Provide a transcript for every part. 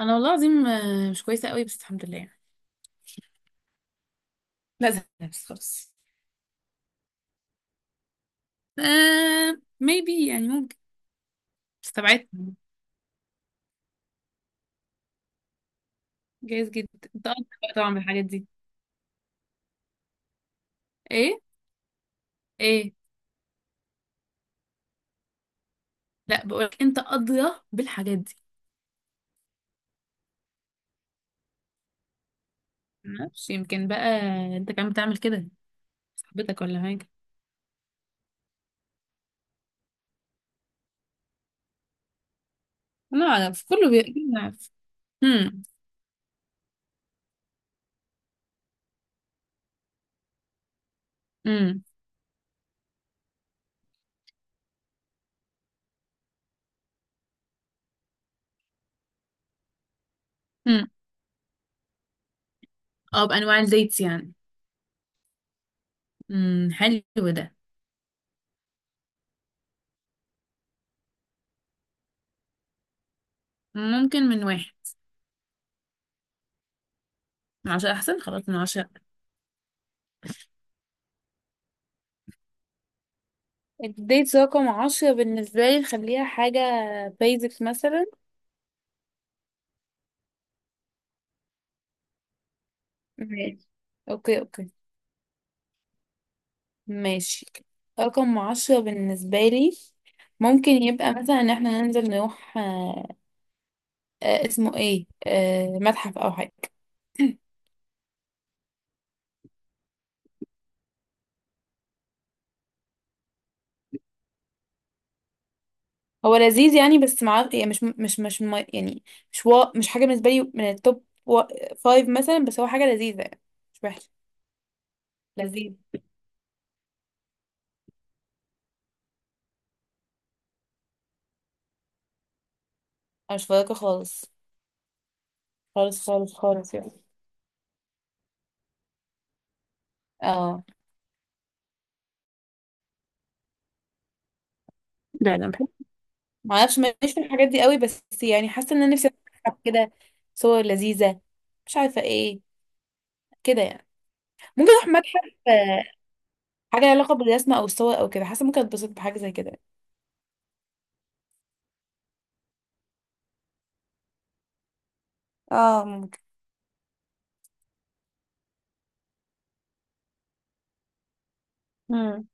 انا والله العظيم مش كويسه قوي بس الحمد لله يعني. لا زهقت بس خلاص. آه، maybe يعني ممكن. استبعدت. جايز جدا. انت قاضية بقى طبعا بالحاجات دي. ايه. ايه. لا بقولك انت قاضية بالحاجات دي. معرفش يمكن بقى. انت كمان بتعمل كده؟ صاحبتك ولا حاجة؟ لا انا في كله بيعرف. امم. امم. امم. اه، بانواع الديتس يعني. امم، حلو ده. ممكن من واحد. من عشرة احسن، خلاص من عشرة. الديت رقم عشرة بالنسبة لي نخليها حاجة بيزك مثلا. ماشي. اوكي، اوكي. ماشي. رقم عشرة بالنسبة لي ممكن يبقى مثلا ان احنا ننزل نروح اسمه ايه، متحف او حاجة. هو لذيذ يعني، بس مع يعني مش يعني. مش حاجة بالنسبة لي من التوب فايف مثلا، بس هو حاجة لذيذة يعني. مش وحشة. لذيذ. أنا مش فارقة خالص. خالص خالص خالص يعني. اه. لا، لا. ما اعرفش ماليش في الحاجات دي قوي، بس يعني حاسه ان انا نفسي اروح متحف كده. صور لذيذه، مش عارفه ايه. كده يعني. ممكن اروح متحف حاجه لها علاقه بالرسم او الصور او كده، حاسه ممكن اتبسط بحاجه زي كده. اه، ممكن. امم،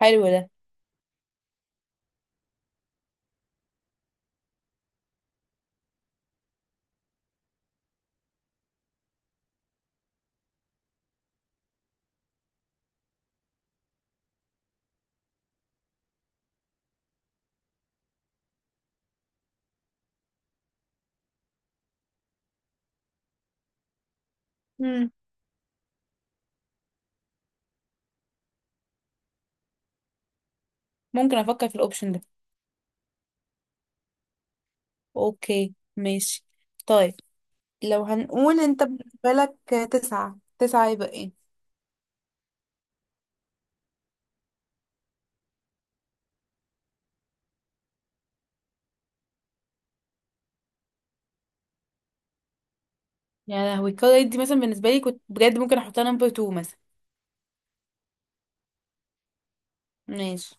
حلو ده. امم، ممكن افكر في الاوبشن ده. اوكي، ماشي. طيب، لو هنقول انت بالنسبة لك تسعة يبقى ايه؟ يا لهوي، القراية دي مثلا بالنسبه لي كنت بجد ممكن احطها نمبر 2 مثلا. ماشي.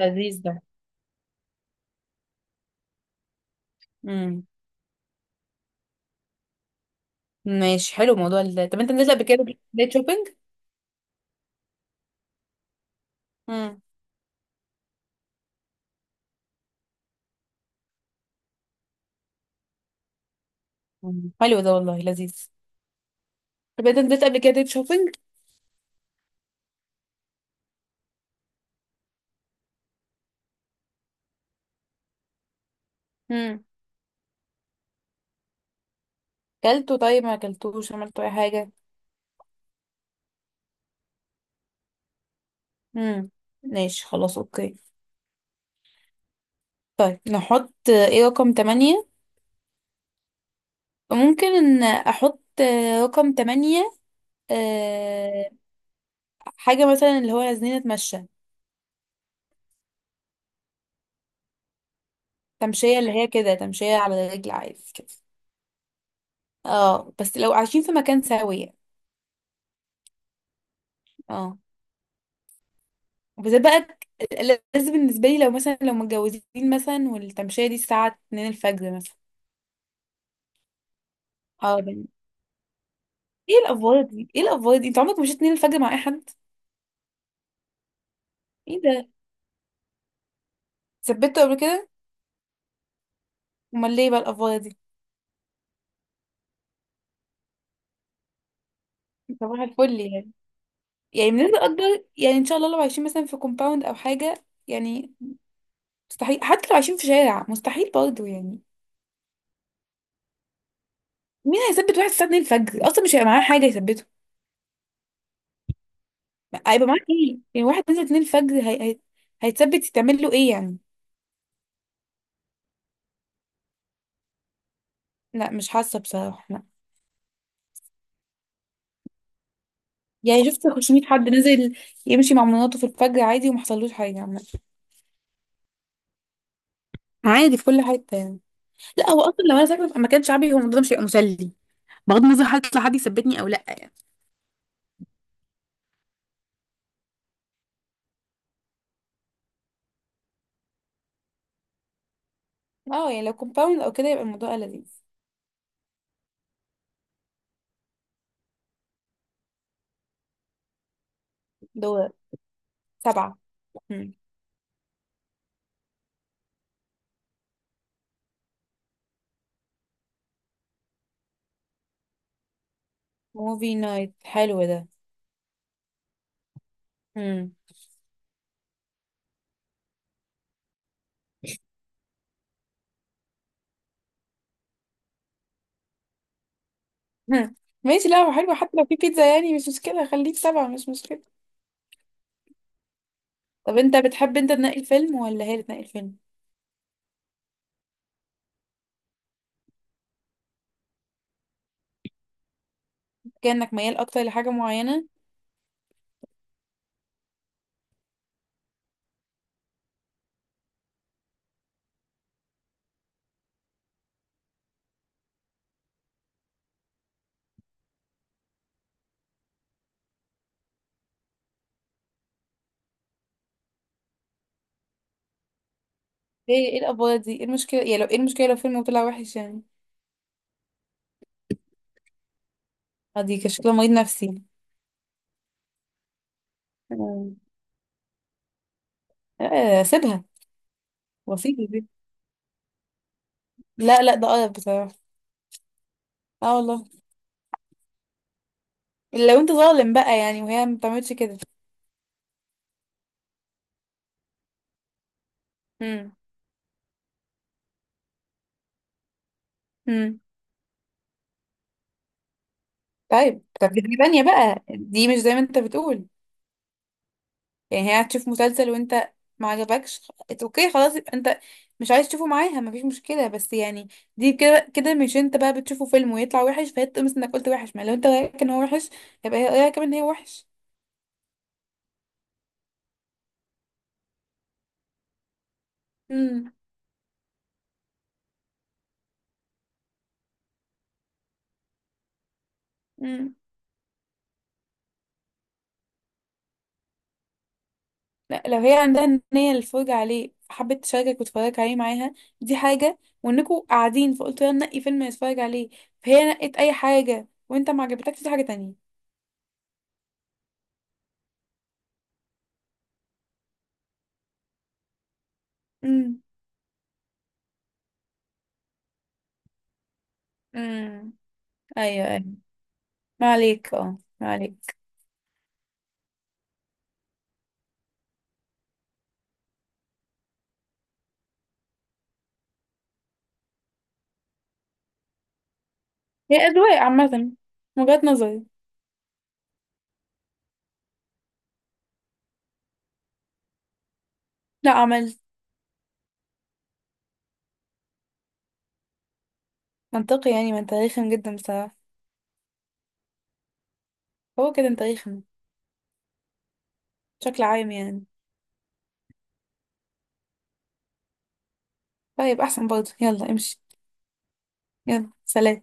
لذيذ ده. مم. ماشي، حلو. طب انت نزلت قبل كده ديت شوبينج؟ امم. حلو ده والله، لذيذ. طب انت نزلت قبل كده ديت شوبينج؟ امم. كلته؟ طيب، ما كلتوش؟ عملت اي حاجه؟ امم. ماشي، خلاص، اوكي. طيب، نحط ايه رقم تمانية؟ ممكن ان احط رقم تمانية. أه... حاجه مثلا اللي هو نازلين نتمشى. تمشيه اللي هي كده، تمشيه على رجل عادي كده. اه، بس لو عايشين في مكان سوي يعني. اه، وبالذات بقى لازم بالنسبة لي، لو مثلا لو متجوزين مثلا، والتمشية دي الساعة 2 الفجر مثلا. اه. ايه الأفوارة دي؟ ايه الأفوارة دي؟ انت عمرك ما مشيت 2 الفجر مع اي حد؟ ايه ده؟ ثبتوا قبل كده؟ امال ليه بقى الأفوارة دي؟ صباح الفل يعني. يعني بنسبة أكبر يعني، ان شاء الله لو عايشين مثلا في كومباوند أو حاجة يعني. مستحيل، حتى لو عايشين في شارع مستحيل برضه يعني. مين هيثبت واحد الساعة 2 الفجر؟ أصلا مش هيبقى معاه حاجة يثبته. هيبقى معاه ايه؟ يعني واحد نزل 2 الفجر هيتثبت، يتعمل له ايه يعني؟ لا، مش حاسة بصراحة. يعني شفت 500 حد نزل يمشي مع مناطه في الفجر عادي وما حصلوش حاجه عامه. عادي في كل حته يعني. لا، هو اصلا لو انا ساكنه في مكان شعبي، هو الموضوع ده مش هيبقى مسلي، بغض النظر هل هيطلع حد يثبتني او لا يعني. اه، يعني لو كومباوند او كده يبقى الموضوع لذيذ. دول. سبعه. موفي نايت، حلو ده. مم. مم. ماشي. لا، هو حلو، حتى لو في بيتزا يعني مش مشكله، خليك سبعه، مش مشكله. طب انت بتحب انت تنقي الفيلم ولا هي اللي تنقي الفيلم؟ كانك ميال اكتر لحاجه معينه. ايه الافوار دي؟ ايه المشكله يعني لو، ايه المشكله لو فيلم طلع وحش يعني؟ دي كان شكلها مريض نفسي. آه. آه، سيبها واسيب البيت. لا، لا، ده قرف بصراحة. اه والله. إلا لو انت ظالم بقى يعني، وهي ما بتعملش كده. امم. امم. طيب، دي حاجة تانية بقى، دي مش زي ما انت بتقول. يعني هي هتشوف مسلسل وانت ما عجبكش اوكي خلاص، يبقى انت مش عايز تشوفه معاها، مفيش مشكلة. بس يعني دي كده كده، مش انت بقى بتشوفه فيلم ويطلع وحش فهي تقمص انك قلت وحش؟ ما لو انت رايك ان هو وحش يبقى هي رايك كمان ان هي وحش. امم. لا، لو هي عندها النية للفرجة عليه، حبت تشاركك وتتفرج عليه معاها، دي حاجة. وانكوا قاعدين فقلت لها نقي فيلم نتفرج عليه، فهي نقت اي حاجة وانت ما عجبتكش، دي حاجة تانية. امم. امم. ايوه، ايوه. ما عليك، اه، ما عليك. هي اذواق عامة من وجهة نظري. لا، عملت. منطقي يعني، ما انت رخم جدا بصراحة. هو كده انت رخم بشكل عام يعني. طيب، احسن برضه، يلا امشي. يلا، سلام.